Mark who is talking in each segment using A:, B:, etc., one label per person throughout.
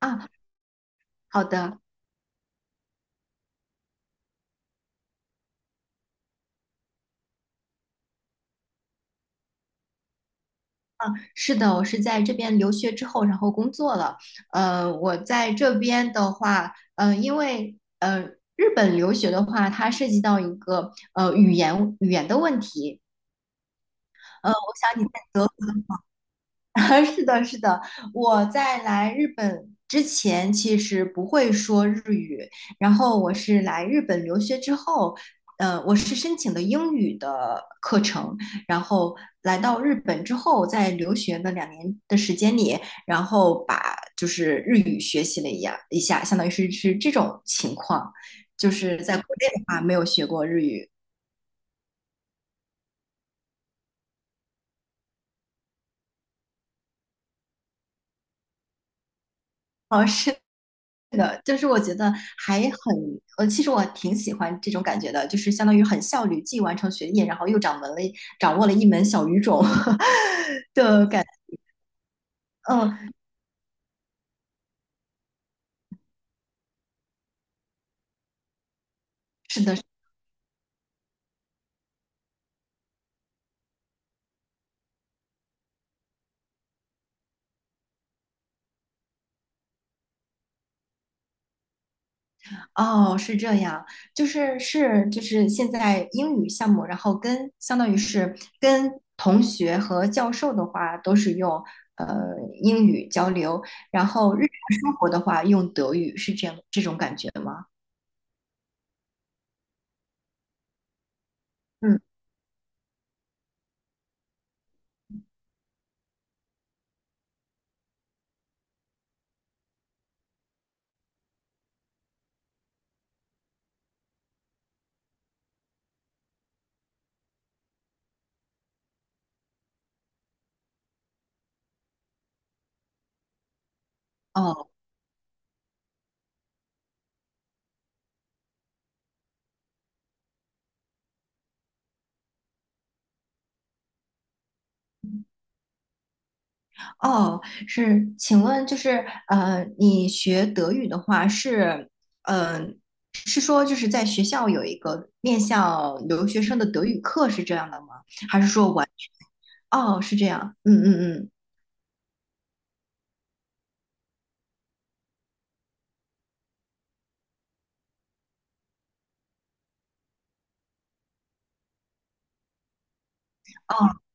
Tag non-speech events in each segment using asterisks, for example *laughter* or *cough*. A: 啊，好的，是的，我是在这边留学之后，然后工作了。我在这边的话，因为日本留学的话，它涉及到一个语言的问题。呃，我想你在德 *laughs* 是的，是的，我在来日本之前其实不会说日语，然后我是来日本留学之后，我是申请的英语的课程，然后来到日本之后，在留学的2年的时间里，然后把就是日语学习了一下，相当于是这种情况，就是在国内的话没有学过日语。哦，是的，就是我觉得其实我挺喜欢这种感觉的，就是相当于很效率，既完成学业，然后又掌握了一门小语种 *laughs* 的感。嗯，是的，是的。哦，是这样，就是现在英语项目，然后相当于是跟同学和教授的话都是用呃英语交流，然后日常生活的话用德语，是这样这种感觉吗？嗯。哦，哦，是，请问就是你学德语的话是，呃，是说就是在学校有一个面向留学生的德语课是这样的吗？还是说完全？哦，是这样，嗯嗯嗯。哦，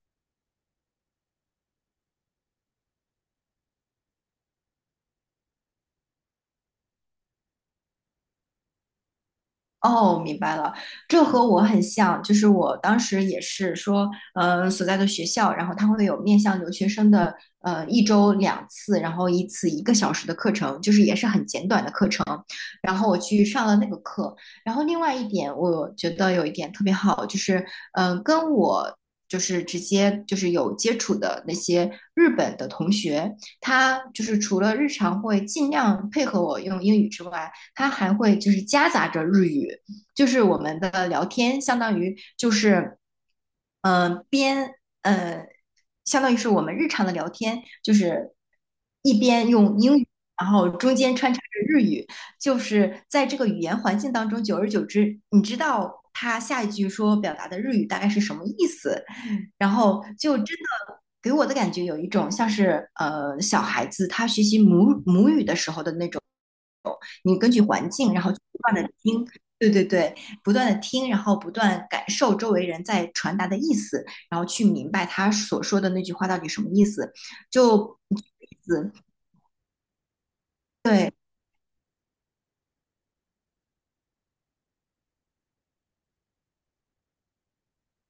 A: 哦，明白了，这和我很像，就是我当时也是说，所在的学校，然后它会有面向留学生的，一周两次，然后一次一个小时的课程，就是也是很简短的课程，然后我去上了那个课，然后另外一点，我觉得有一点特别好，就是，嗯、呃，跟我。就是直接就是有接触的那些日本的同学，他就是除了日常会尽量配合我用英语之外，它还会就是夹杂着日语，就是我们的聊天，嗯、呃边呃，相当于是我们日常的聊天，就是一边用英语，然后中间穿插着日语，就是在这个语言环境当中，久而久之，你知道，他下一句说表达的日语大概是什么意思，然后就真的给我的感觉有一种像是小孩子他学习母语的时候的那种。你根据环境，然后不断的听，对对对，不断的听，然后不断感受周围人在传达的意思，然后去明白他所说的那句话到底什么意思，就意思，对，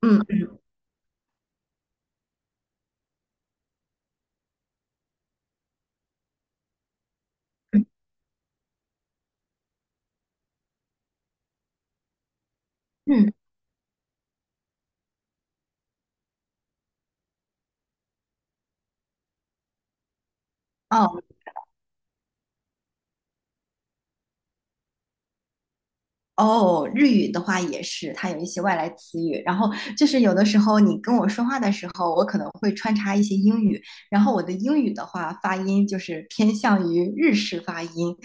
A: 嗯嗯。哦，哦，日语的话也是，它有一些外来词语。然后就是有的时候你跟我说话的时候，我可能会穿插一些英语。然后我的英语的话，发音就是偏向于日式发音，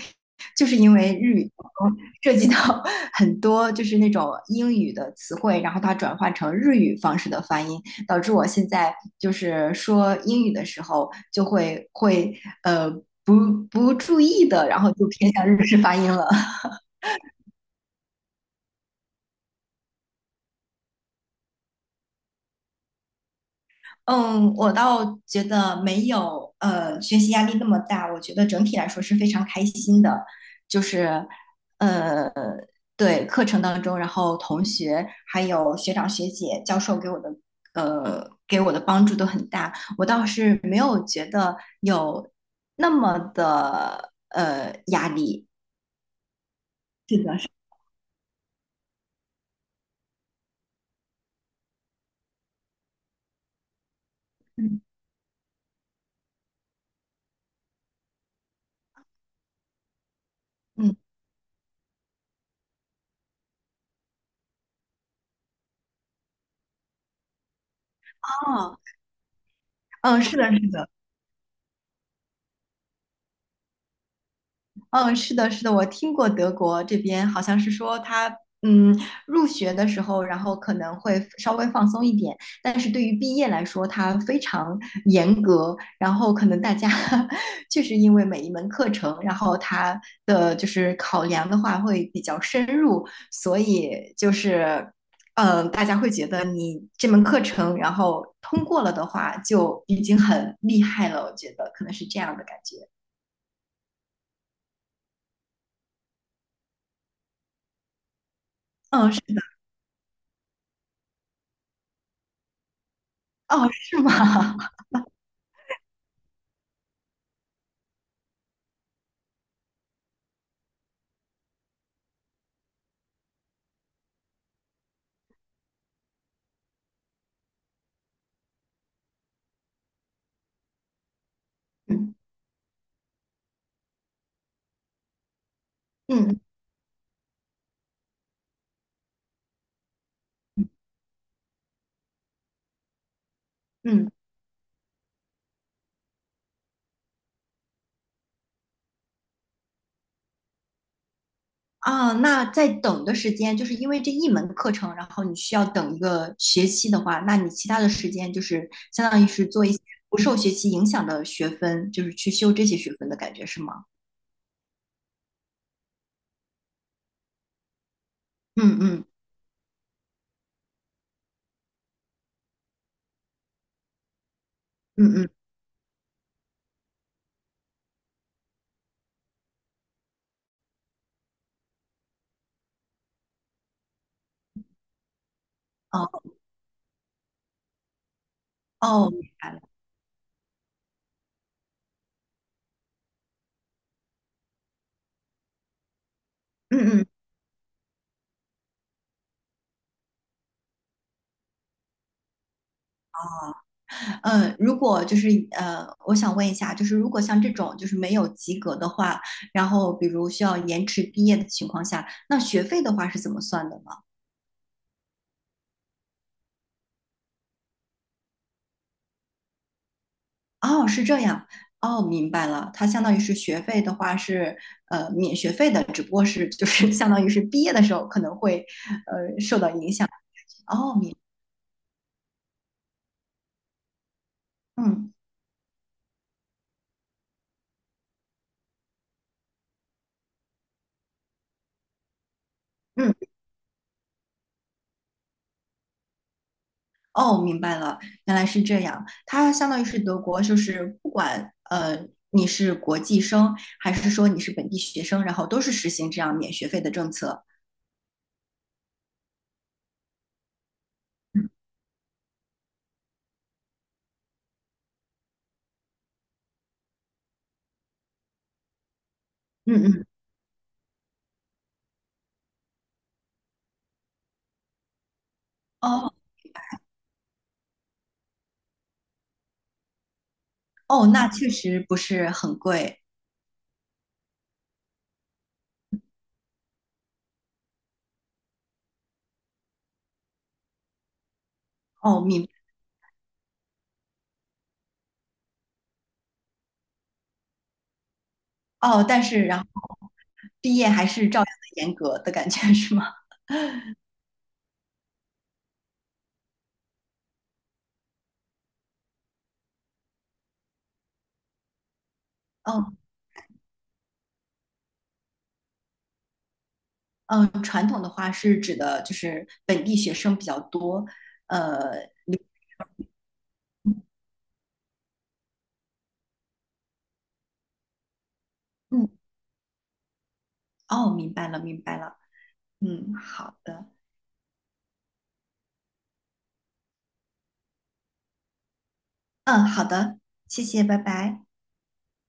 A: 就是因为日语当中 *laughs* 涉及到 *laughs* 很多就是那种英语的词汇，然后它转换成日语方式的发音，导致我现在就是说英语的时候就会会呃不不注意的，然后就偏向日式发音了。嗯，我倒觉得没有学习压力那么大，我觉得整体来说是非常开心的，就是呃对课程当中，然后同学还有学长学姐、教授给我的帮助都很大，我倒是没有觉得有那么的压力。是的，是的。嗯嗯，哦，嗯，是的，是的。嗯，是的，是的，我听过德国这边好像是说他，嗯，入学的时候，然后可能会稍微放松一点，但是对于毕业来说，它非常严格，然后可能大家 *laughs* 确实因为每一门课程，然后它的就是考量的话会比较深入，所以就是。嗯，大家会觉得你这门课程，然后通过了的话，就已经很厉害了。我觉得可能是这样的感觉。嗯，是。哦，是吗？*laughs* 嗯嗯嗯。啊，那在等的时间，就是因为这一门课程，然后你需要等一个学期的话，那你其他的时间就是相当于是做一些不受学期影响的学分，就是去修这些学分的感觉是吗？嗯嗯嗯嗯。哦，哦，明白了。嗯嗯，如果就是我想问一下，就是如果像这种就是没有及格的话，然后比如需要延迟毕业的情况下，那学费的话是怎么算的呢？哦，是这样。哦，明白了。它相当于是学费的话是免学费的，只不过是就是相当于是毕业的时候可能会。哦明嗯嗯。哦，明白了，原来是这样。它相当于是德国，就是不管你是国际生还是说你是本地学生，然后都是实行这样免学费的政策。嗯嗯。哦哦，那确实不是很贵。哦明哦，但是然后毕业还是照样的严格的感觉是吗？哦。传统的话是指的就是本地学生比较多。呃，嗯，哦，明白了，明白了。嗯，好的。嗯，好的，谢谢，拜拜。